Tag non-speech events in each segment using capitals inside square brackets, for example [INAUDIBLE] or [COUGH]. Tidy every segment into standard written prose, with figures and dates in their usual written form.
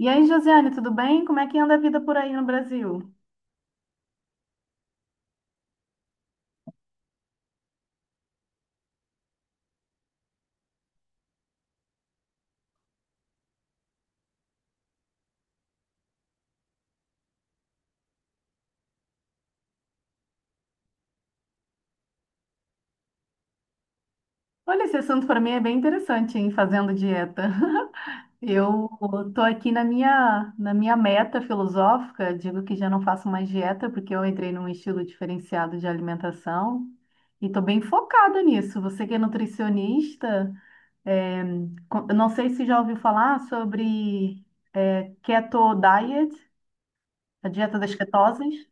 E aí, Josiane, tudo bem? Como é que anda a vida por aí no Brasil? Olha, esse assunto para mim é bem interessante, hein, fazendo dieta. [LAUGHS] Eu tô aqui na minha meta filosófica, digo que já não faço mais dieta porque eu entrei num estilo diferenciado de alimentação e tô bem focada nisso. Você que é nutricionista, é, eu não sei se já ouviu falar sobre keto diet, a dieta das ketoses.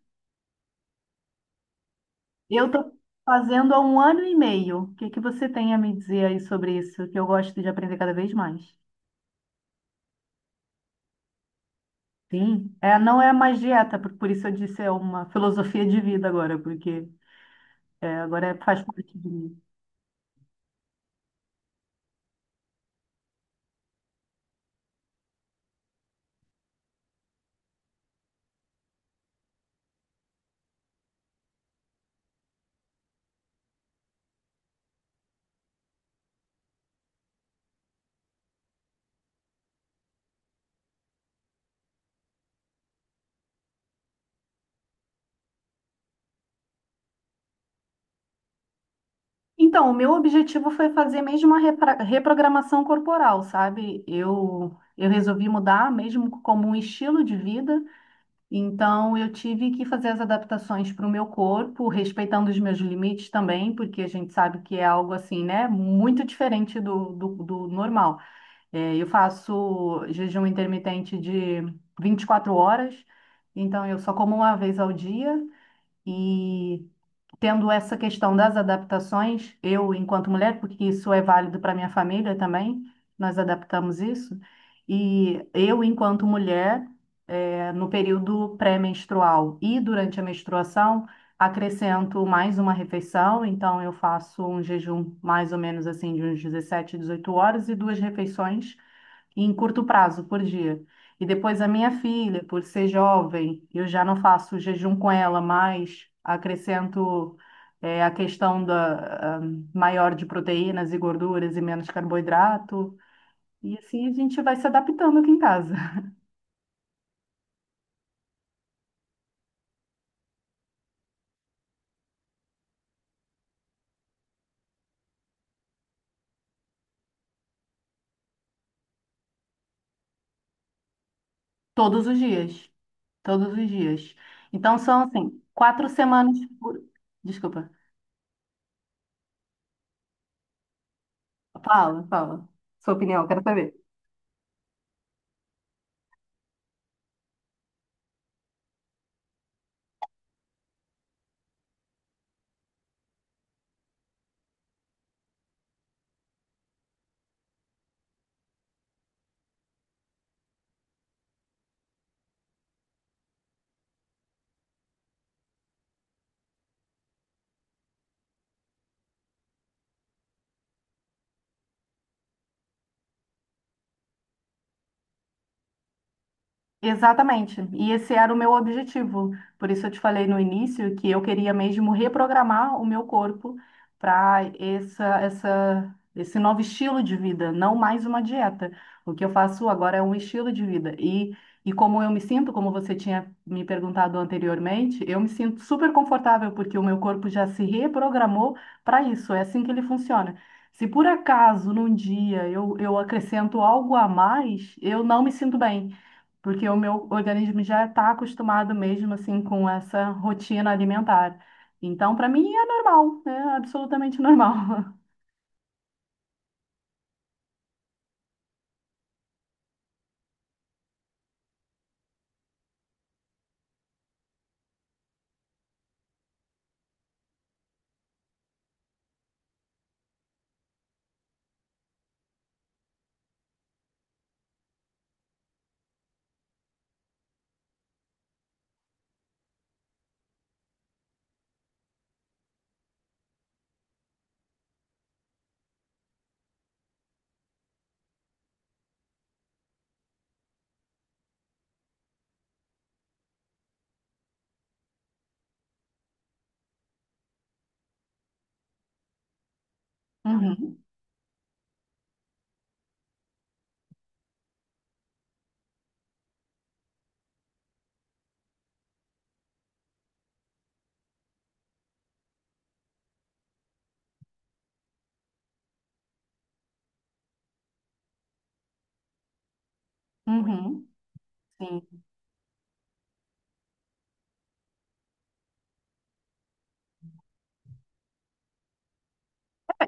Eu estou fazendo há um ano e meio. O que que você tem a me dizer aí sobre isso? Que eu gosto de aprender cada vez mais. Sim, é, não é mais dieta, por isso eu disse é uma filosofia de vida agora, porque agora faz parte de mim. Então, o meu objetivo foi fazer mesmo uma reprogramação corporal, sabe? Eu resolvi mudar mesmo como um estilo de vida. Então, eu tive que fazer as adaptações para o meu corpo, respeitando os meus limites também, porque a gente sabe que é algo assim, né? Muito diferente do normal. É, eu faço jejum intermitente de 24 horas, então eu só como uma vez ao dia e tendo essa questão das adaptações, eu, enquanto mulher, porque isso é válido para minha família também, nós adaptamos isso, e eu, enquanto mulher, no período pré-menstrual e durante a menstruação, acrescento mais uma refeição, então eu faço um jejum mais ou menos assim de uns 17, 18 horas e duas refeições em curto prazo, por dia. E depois a minha filha, por ser jovem, eu já não faço jejum com ela, mas acrescento a questão da maior de proteínas e gorduras e menos carboidrato. E assim a gente vai se adaptando aqui em casa. [LAUGHS] Todos os dias, todos os dias. Então são assim, quatro semanas por... Desculpa, fala, fala. Sua opinião, quero saber. Exatamente. E esse era o meu objetivo. Por isso eu te falei no início que eu queria mesmo reprogramar o meu corpo para esse novo estilo de vida, não mais uma dieta. O que eu faço agora é um estilo de vida. E como eu me sinto, como você tinha me perguntado anteriormente, eu me sinto super confortável porque o meu corpo já se reprogramou para isso. É assim que ele funciona. Se por acaso num dia eu acrescento algo a mais, eu não me sinto bem porque o meu organismo já está acostumado mesmo assim com essa rotina alimentar. Então, para mim é normal, é absolutamente normal. [LAUGHS] Uhum, uhum, sim.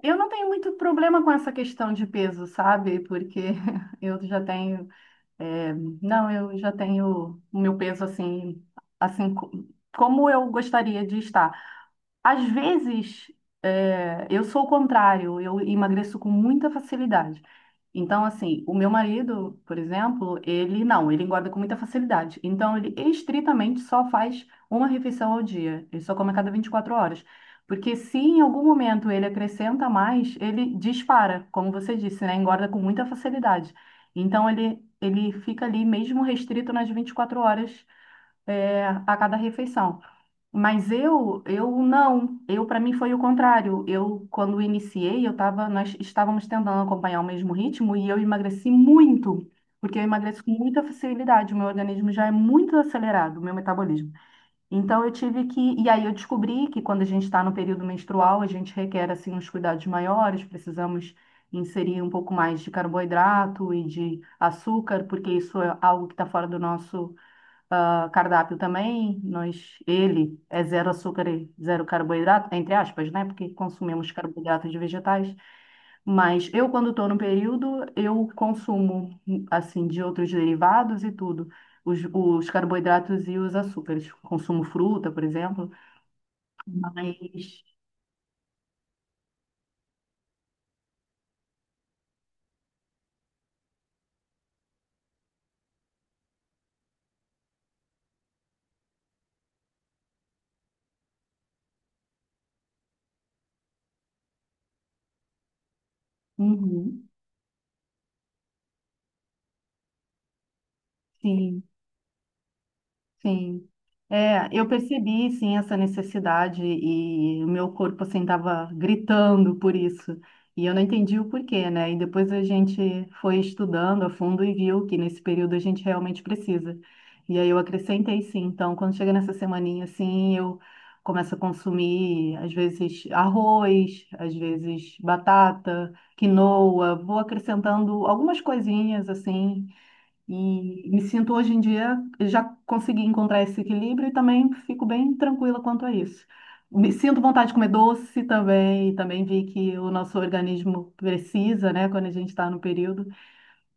Eu não tenho muito problema com essa questão de peso, sabe? Porque [LAUGHS] eu já tenho, é, não, eu já tenho o meu peso assim, assim como eu gostaria de estar. Às vezes, é, eu sou o contrário, eu emagreço com muita facilidade. Então, assim, o meu marido, por exemplo, ele não, ele engorda com muita facilidade. Então, ele estritamente só faz uma refeição ao dia, ele só come a cada 24 horas. Porque se em algum momento ele acrescenta mais, ele dispara, como você disse, né? Engorda com muita facilidade. Então, ele fica ali mesmo restrito nas 24 horas, é, a cada refeição. Mas eu não. Eu, para mim, foi o contrário. Eu, quando iniciei, nós estávamos tentando acompanhar o mesmo ritmo e eu emagreci muito, porque eu emagreço com muita facilidade. O meu organismo já é muito acelerado, o meu metabolismo. Então, eu tive que. E aí, eu descobri que quando a gente está no período menstrual, a gente requer, assim, uns cuidados maiores, precisamos inserir um pouco mais de carboidrato e de açúcar, porque isso é algo que está fora do nosso cardápio também. Nós, ele é zero açúcar e zero carboidrato, entre aspas, né? Porque consumimos carboidratos de vegetais. Mas eu, quando estou no período, eu consumo, assim, de outros derivados e tudo. Os carboidratos e os açúcares. Consumo fruta, por exemplo. Mas, uhum, sim. Sim. É, eu percebi, sim, essa necessidade e o meu corpo, assim, estava gritando por isso. E eu não entendi o porquê, né? E depois a gente foi estudando a fundo e viu que nesse período a gente realmente precisa. E aí eu acrescentei, sim. Então, quando chega nessa semaninha, assim, eu começo a consumir, às vezes, arroz, às vezes, batata, quinoa. Vou acrescentando algumas coisinhas, assim, e me sinto hoje em dia, já consegui encontrar esse equilíbrio e também fico bem tranquila quanto a isso. Me sinto vontade de comer doce também, e também vi que o nosso organismo precisa, né, quando a gente está no período.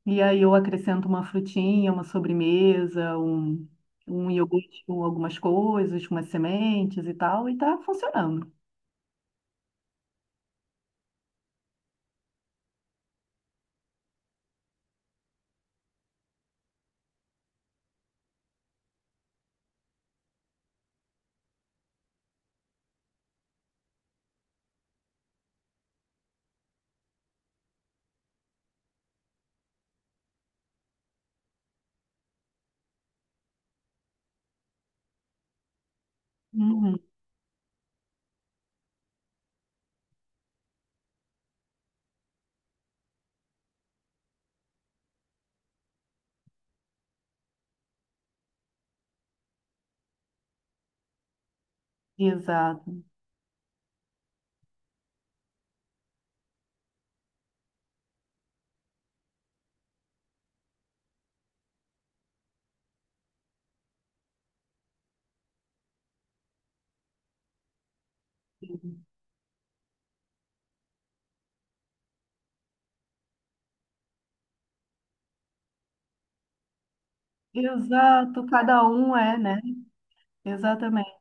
E aí eu acrescento uma frutinha, uma sobremesa, um iogurte com algumas coisas, com umas sementes e tal, e tá funcionando. Uhum, exato. Exato, cada um é, né? Exatamente.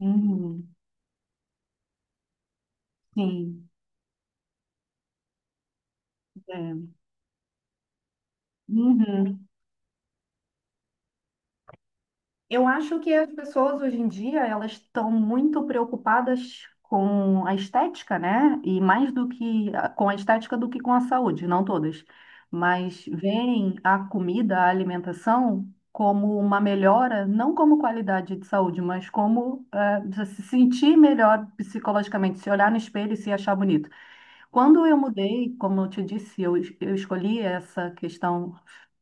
Uhum, sim. É. Uhum. Eu acho que as pessoas hoje em dia elas estão muito preocupadas com a estética, né? E mais do que com a estética do que com a saúde, não todas, mas veem a comida, a alimentação como uma melhora, não como qualidade de saúde, mas como se sentir melhor psicologicamente, se olhar no espelho e se achar bonito. Quando eu mudei, como eu te disse, eu escolhi essa questão,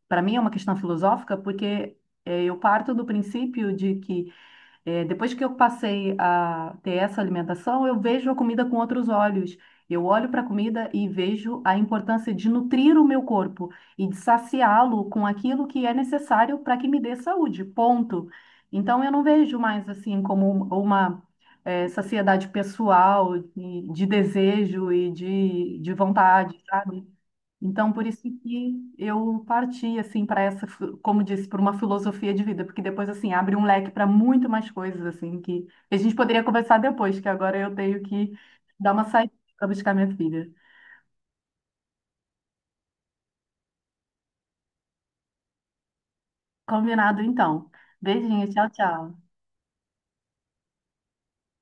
para mim é uma questão filosófica, porque eu parto do princípio de que depois que eu passei a ter essa alimentação, eu vejo a comida com outros olhos. Eu olho para a comida e vejo a importância de nutrir o meu corpo e de saciá-lo com aquilo que é necessário para que me dê saúde, ponto. Então eu não vejo mais assim como uma saciedade pessoal, e de desejo e de vontade, sabe? Então, por isso que eu parti assim para essa, como disse, para uma filosofia de vida, porque depois assim abre um leque para muito mais coisas assim que a gente poderia conversar depois, que agora eu tenho que dar uma saída para buscar minha filha. Combinado então. Beijinho, tchau, tchau.